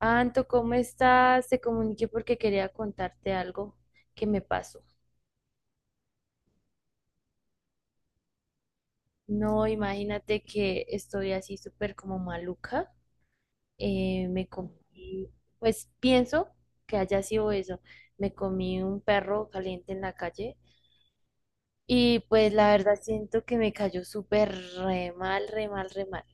Anto, ¿cómo estás? Te comuniqué porque quería contarte algo que me pasó. No, imagínate que estoy así súper como maluca. Me comí, pues pienso que haya sido eso. Me comí un perro caliente en la calle y pues la verdad siento que me cayó súper re mal, re mal, re mal.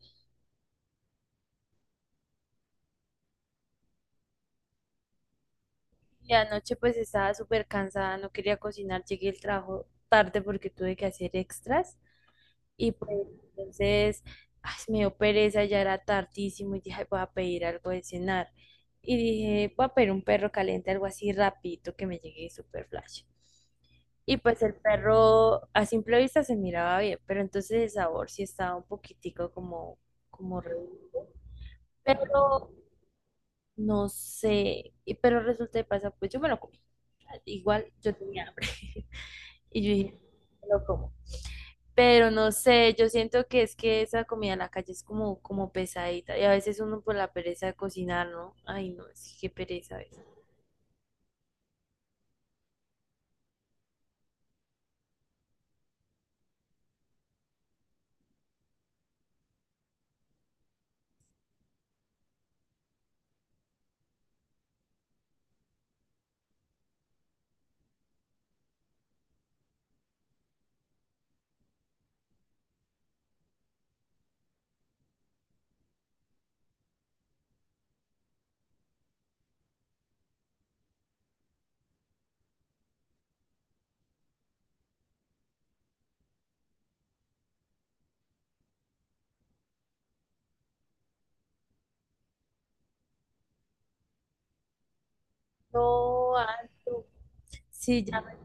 Y anoche pues estaba súper cansada, no quería cocinar, llegué al trabajo tarde porque tuve que hacer extras. Y pues entonces ay, me dio pereza, ya era tardísimo y dije, "Ay, voy a pedir algo de cenar. Y dije, voy a pedir un perro caliente, algo así rapidito que me llegue super flash. Y pues el perro a simple vista se miraba bien, pero entonces el sabor sí estaba un poquitico como, como re- Pero no sé, pero resulta y pasa, pues yo me lo comí. Igual yo tenía hambre. Y yo dije, me lo como. Pero no sé, yo siento que es que esa comida en la calle es como, como pesadita y a veces uno por la pereza de cocinar, ¿no? Ay, no, sí, qué pereza a veces. No, harto. Sí, ya,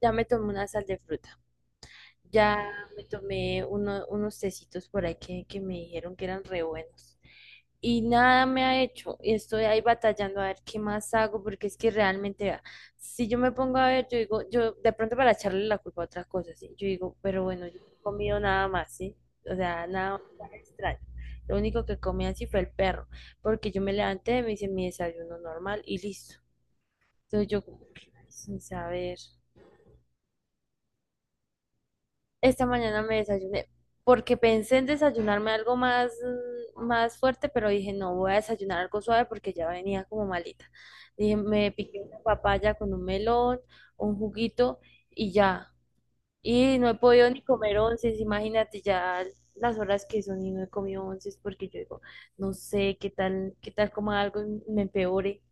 ya me tomé una sal de fruta. Ya me tomé unos tecitos por ahí que me dijeron que eran re buenos. Y nada me ha hecho. Y estoy ahí batallando a ver qué más hago, porque es que realmente, vea, si yo me pongo a ver, yo digo, yo de pronto para echarle la culpa a otras cosas, ¿sí? Yo digo, pero bueno, yo no he comido nada más, ¿sí? O sea, nada, nada extraño. Lo único que comí así fue el perro, porque yo me levanté, me hice mi desayuno normal y listo. Entonces yo como que, ay, sin saber. Esta mañana me desayuné porque pensé en desayunarme algo más, más fuerte, pero dije, no, voy a desayunar algo suave porque ya venía como malita. Dije, me piqué una papaya con un melón, un juguito y ya. Y no he podido ni comer onces, imagínate ya las horas que son y no he comido onces porque yo digo, no sé qué tal coma algo y me empeore.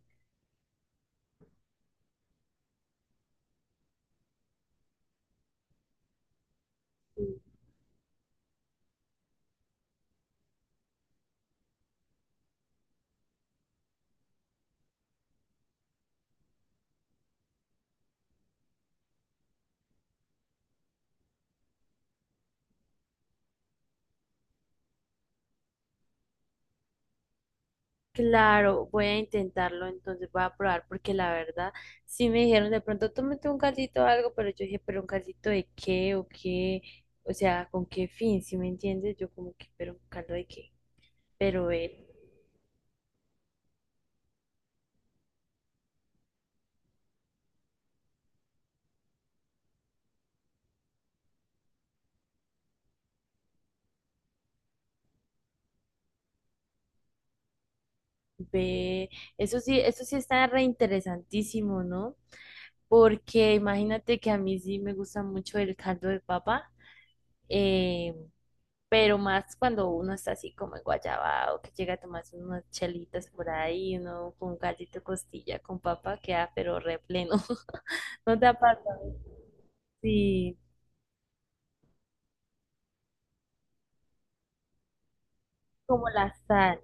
Claro, voy a intentarlo, entonces voy a probar, porque la verdad, sí me dijeron de pronto, tómate un caldito o algo, pero yo dije, pero un caldito de qué o qué, o sea, con qué fin, si me entiendes, yo como que, pero un caldo de qué, pero ve, ve, eso sí está re interesantísimo, ¿no? Porque imagínate que a mí sí me gusta mucho el caldo de papa. em, Pero más cuando uno está así como en Guayabao, que llega a tomarse unas chelitas por ahí, uno con un gallito de costilla con papa, queda pero re pleno. No te aparta. Sí, como la sal.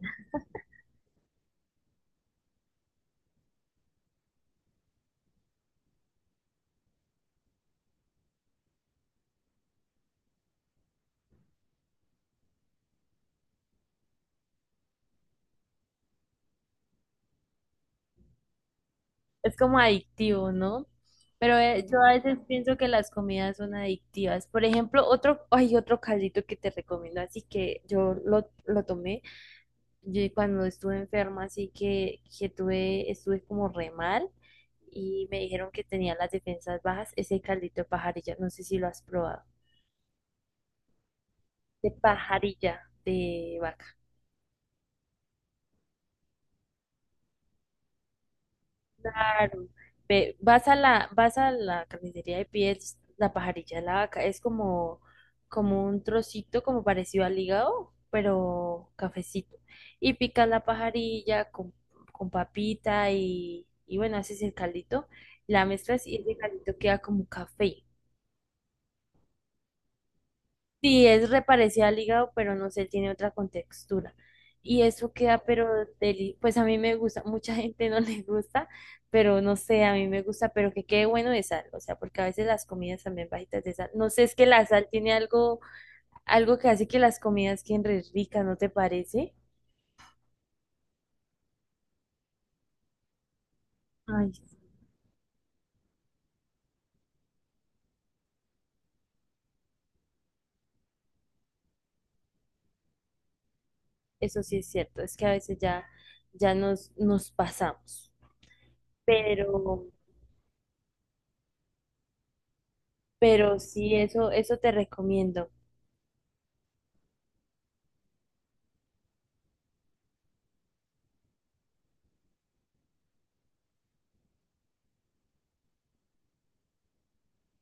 Es como adictivo, ¿no? Pero yo a veces pienso que las comidas son adictivas. Por ejemplo, otro, hay otro caldito que te recomiendo, así que yo lo tomé. Yo cuando estuve enferma, así que tuve, estuve como re mal y me dijeron que tenía las defensas bajas, ese caldito de pajarilla, no sé si lo has probado, de pajarilla de vaca. Claro, vas a la carnicería de pies, la pajarilla de la vaca, es como, como un trocito como parecido al hígado, pero cafecito. Y picas la pajarilla con papita y bueno, haces el caldito, la mezclas y ese caldito queda como café. Sí, es reparecida al hígado, pero no sé, tiene otra contextura. Y eso queda, pero pues a mí me gusta, mucha gente no le gusta, pero no sé, a mí me gusta, pero que quede bueno de sal, o sea, porque a veces las comidas también bajitas de sal. No sé, es que la sal tiene algo, algo que hace que las comidas queden re ricas, ¿no te parece? Ay, eso sí es cierto, es que a veces ya, ya nos, nos pasamos. Pero, pero sí, eso te recomiendo.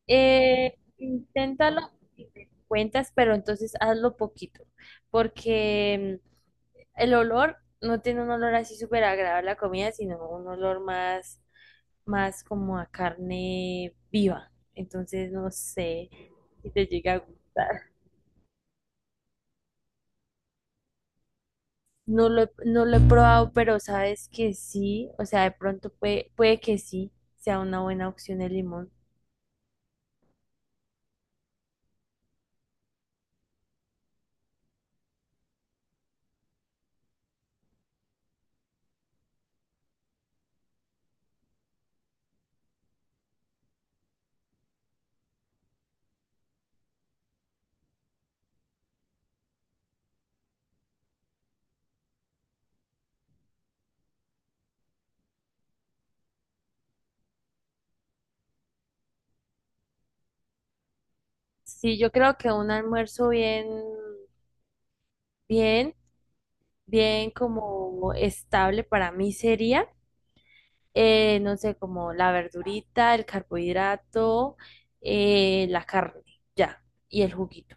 Inténtalo y te cuentas, pero entonces hazlo poquito, porque el olor no tiene un olor así súper agradable a comida, sino un olor más, más como a carne viva. Entonces no sé si te llega a gustar. No lo he probado, pero sabes que sí, o sea, de pronto puede, puede que sí sea una buena opción el limón. Sí, yo creo que un almuerzo bien, bien. bien como estable para mí sería, no sé, como la verdurita, el carbohidrato, la carne, ya, y el juguito.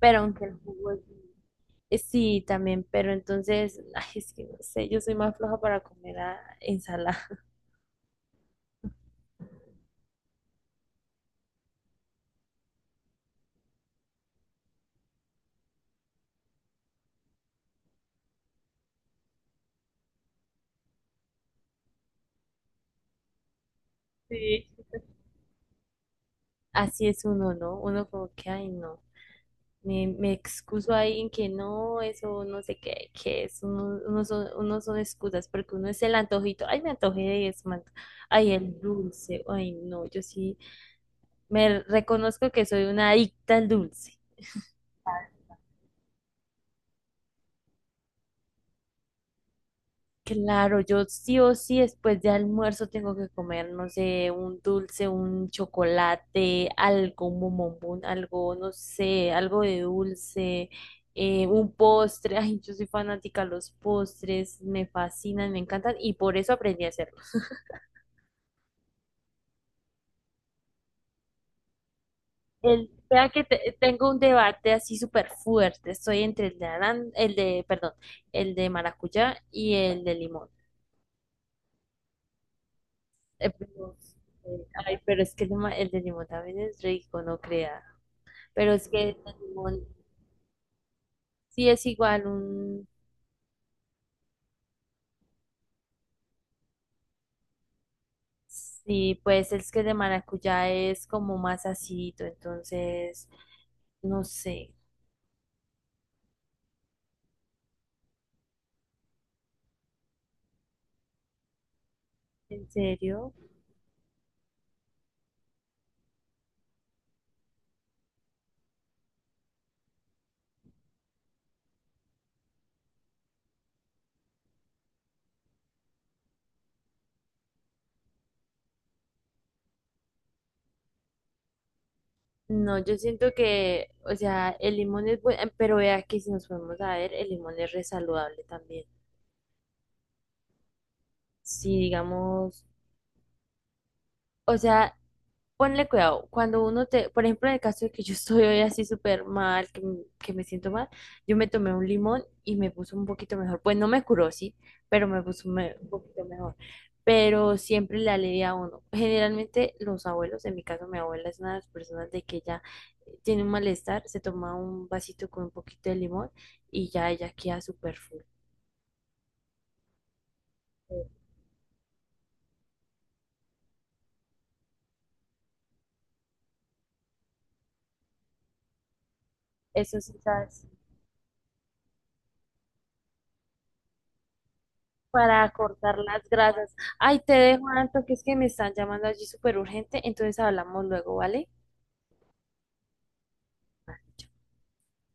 Pero aunque el jugo es— Sí, también, pero entonces, ay, es que no sé, yo soy más floja para comer ensalada. Sí. Así es uno, ¿no? Uno como que, ay, no. Me excuso ahí en que no, eso no sé qué, qué es, uno son excusas, porque uno es el antojito, ay, me antojé de eso, man. Ay, el dulce, ay, no, yo sí me reconozco que soy una adicta al dulce. Claro, yo sí o sí después de almuerzo tengo que comer, no sé, un dulce, un chocolate, algo, un bombombón, algo, no sé, algo de dulce, un postre. Ay, yo soy fanática de los postres, me fascinan, me encantan y por eso aprendí a hacerlos. El, vea que tengo un debate así súper fuerte, estoy entre el de perdón, el de maracuyá y el de limón. Eh, pero, ay, pero es que el de el de limón también es rico, no creas. Pero es que el limón sí es igual un, sí, pues es que el de maracuyá es como más acidito, entonces, no sé, ¿en serio? No, yo siento que, o sea, el limón es bueno, pero vea que si nos podemos a ver, el limón es re saludable también. Si digamos, o sea, ponle cuidado, cuando uno te, por ejemplo, en el caso de que yo estoy hoy así súper mal, que me siento mal, yo me tomé un limón y me puso un poquito mejor. Pues no me curó, sí, pero me puso un poquito mejor. Pero siempre le alivia a uno. Generalmente los abuelos, en mi caso mi abuela es una de las personas de que ya tiene un malestar, se toma un vasito con un poquito de limón y ya ella queda súper full. Eso sí, ¿sabes? Para cortar las grasas. Ay, te dejo, Anto, que es que me están llamando allí súper urgente, entonces hablamos luego, ¿vale?